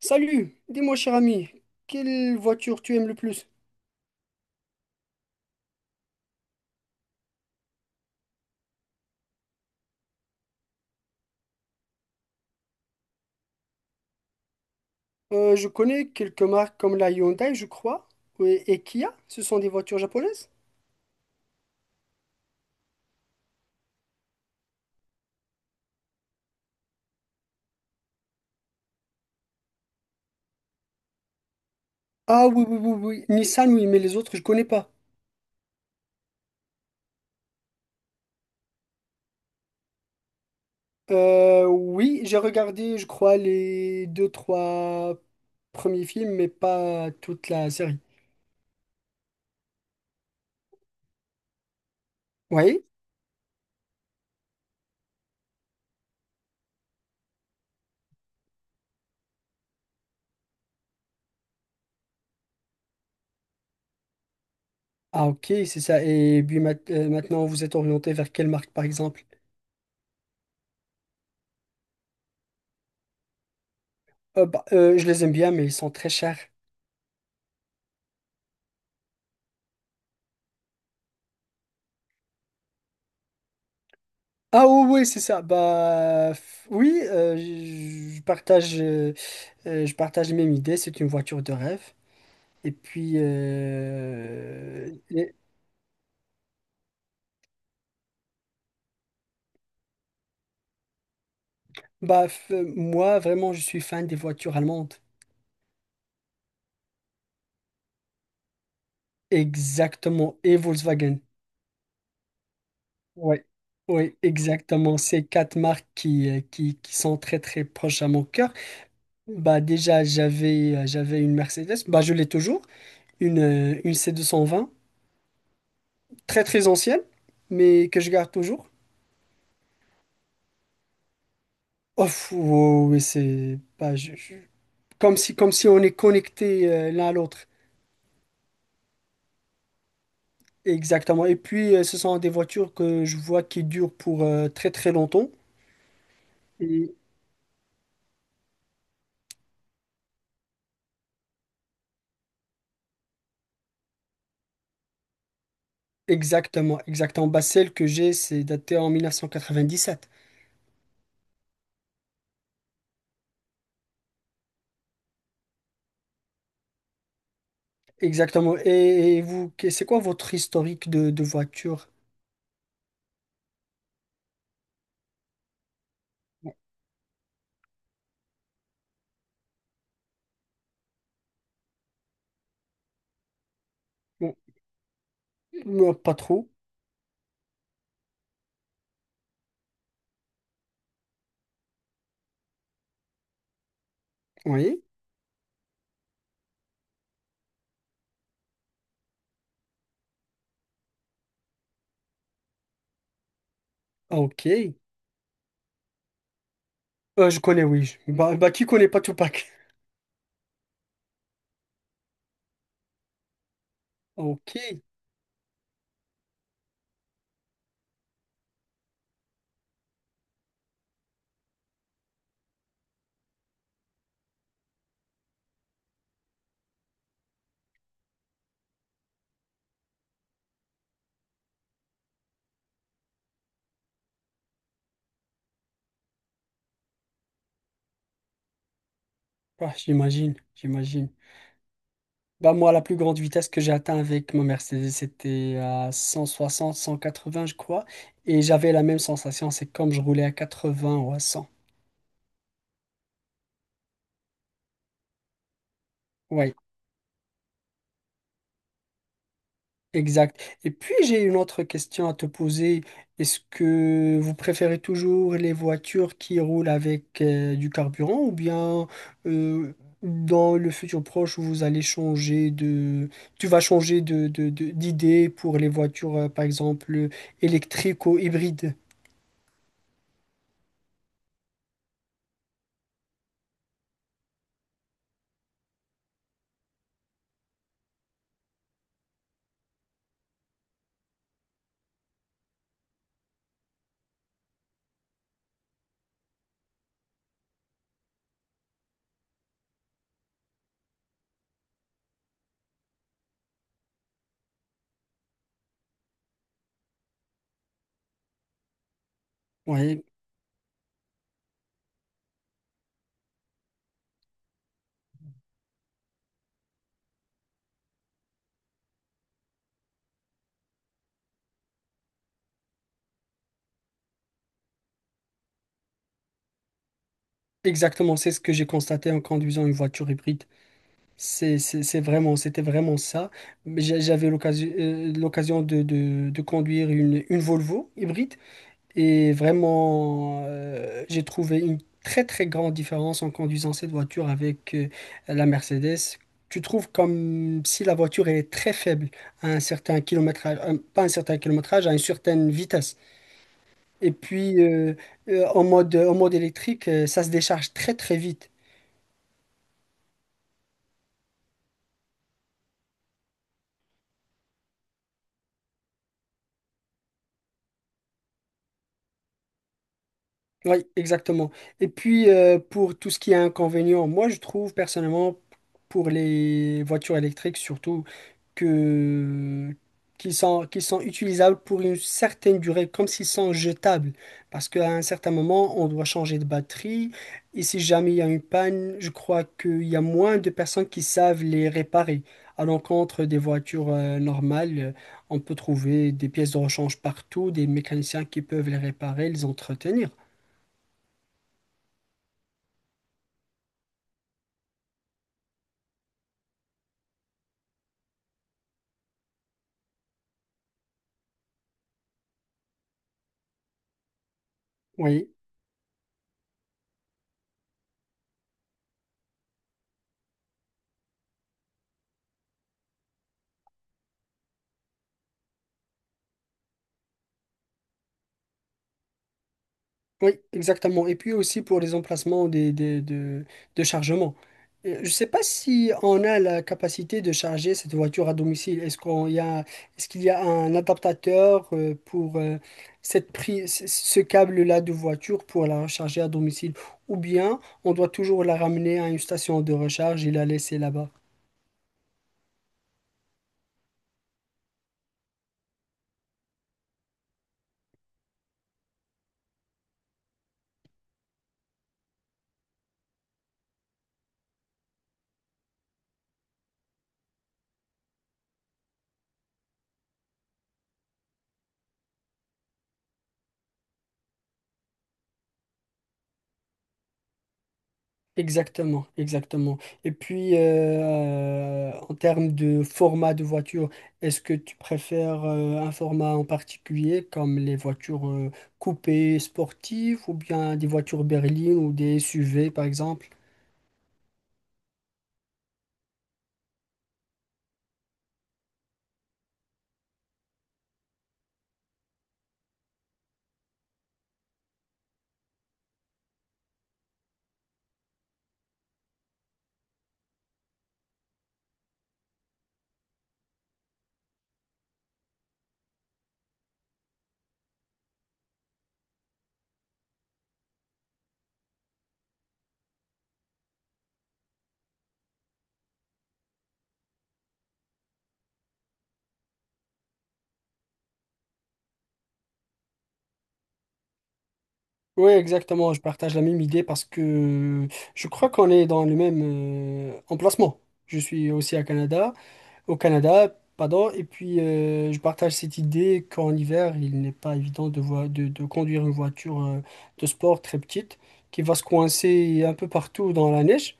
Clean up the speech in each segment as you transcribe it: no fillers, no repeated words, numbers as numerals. Salut, dis-moi cher ami, quelle voiture tu aimes le plus? Je connais quelques marques comme la Hyundai, je crois, oui, et Kia, ce sont des voitures japonaises? Ah oui, oui, oui, oui, Nissan, oui, mais les autres, je connais pas. Oui, j'ai regardé, je crois, les deux, trois premiers films, mais pas toute la série. Oui? Ah ok, c'est ça. Et puis maintenant, vous êtes orienté vers quelle marque, par exemple? Je les aime bien, mais ils sont très chers. Ah oui, oui, c'est ça. Oui, je partage, je partage les mêmes idées. C'est une voiture de rêve. Et puis moi vraiment, je suis fan des voitures allemandes. Exactement. Et Volkswagen. Ouais. Oui, exactement. Ces quatre marques qui sont très très proches à mon cœur. Bah déjà j'avais une Mercedes. Bah je l'ai toujours. Une c 220 très très ancienne, mais que je garde toujours. Oh, fou, oh, oui, c'est bah, comme si on est connecté l'un à l'autre. Exactement. Et puis, ce sont des voitures que je vois qui durent pour très très longtemps. Et exactement, exactement. Bah, celle que j'ai, c'est datée en 1997. Exactement. Et vous, c'est quoi votre historique de voiture? Bon, bon, moi, pas trop. Oui. Ah, ok. Je connais, oui. Bah, bah, qui connaît pas Tupac? Ok. Bah, j'imagine, j'imagine. Bah moi, la plus grande vitesse que j'ai atteint avec ma Mercedes, c'était à 100 160 180 je crois. Et j'avais la même sensation, c'est comme je roulais à 80 ou à 100. Oui, exact. Et puis, j'ai une autre question à te poser. Est-ce que vous préférez toujours les voitures qui roulent avec du carburant ou bien euh, dans le futur proche, vous allez changer de... Tu vas changer de, d'idée pour les voitures, par exemple, électriques ou hybrides? Oui. Exactement, c'est ce que j'ai constaté en conduisant une voiture hybride. C'est vraiment, c'était vraiment ça. Mais j'avais l'occasion, l'occasion de conduire une Volvo hybride et vraiment, j'ai trouvé une très très grande différence en conduisant cette voiture avec la Mercedes. Tu trouves comme si la voiture elle est très faible à un certain kilométrage, pas un certain kilométrage, à une certaine vitesse. Et puis en mode électrique, ça se décharge très très vite. Oui, exactement. Et puis, pour tout ce qui est inconvénient, moi, je trouve personnellement, pour les voitures électriques surtout, que qu'ils sont utilisables pour une certaine durée, comme s'ils sont jetables. Parce qu'à un certain moment, on doit changer de batterie. Et si jamais il y a une panne, je crois qu'il y a moins de personnes qui savent les réparer. À l'encontre des voitures normales, on peut trouver des pièces de rechange partout, des mécaniciens qui peuvent les réparer, les entretenir. Oui. Oui, exactement. Et puis aussi pour les emplacements des, de chargement. Je ne sais pas si on a la capacité de charger cette voiture à domicile. Est-ce qu'on y a, est-ce qu'il y a un adaptateur pour cette prise, ce câble-là de voiture pour la recharger à domicile? Ou bien on doit toujours la ramener à une station de recharge et la laisser là-bas? Exactement, exactement. Et puis, en termes de format de voiture, est-ce que tu préfères un format en particulier comme les voitures coupées sportives ou bien des voitures berlines ou des SUV par exemple? Oui, exactement, je partage la même idée parce que je crois qu'on est dans le même emplacement. Je suis aussi à Canada au Canada, pardon, et puis je partage cette idée qu'en hiver, il n'est pas évident de, de conduire une voiture de sport très petite qui va se coincer un peu partout dans la neige.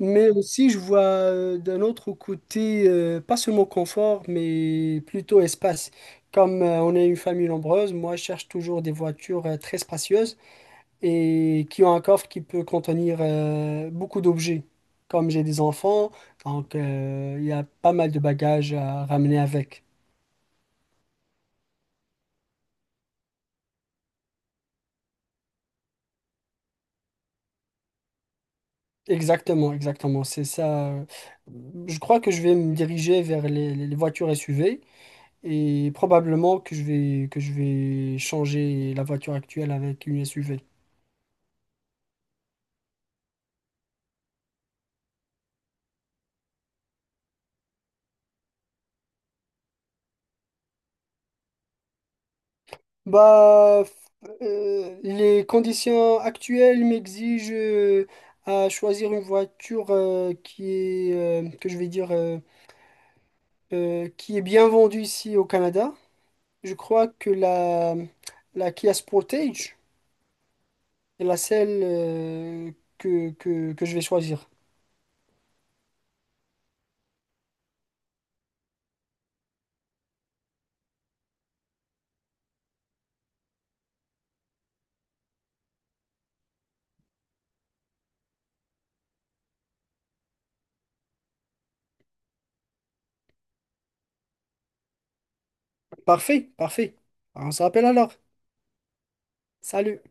Mais aussi, je vois d'un autre côté, pas seulement confort, mais plutôt espace. Comme on est une famille nombreuse, moi, je cherche toujours des voitures très spacieuses et qui ont un coffre qui peut contenir beaucoup d'objets. Comme j'ai des enfants, donc il y a pas mal de bagages à ramener avec. Exactement, exactement, c'est ça. Je crois que je vais me diriger vers les, les voitures SUV et probablement que je vais changer la voiture actuelle avec une SUV. Bah, f- les conditions actuelles m'exigent à choisir une voiture qui est, que je vais dire, qui est bien vendue ici au Canada. Je crois que la, la Kia Sportage est la celle que je vais choisir. Parfait, parfait. On se rappelle alors. Salut.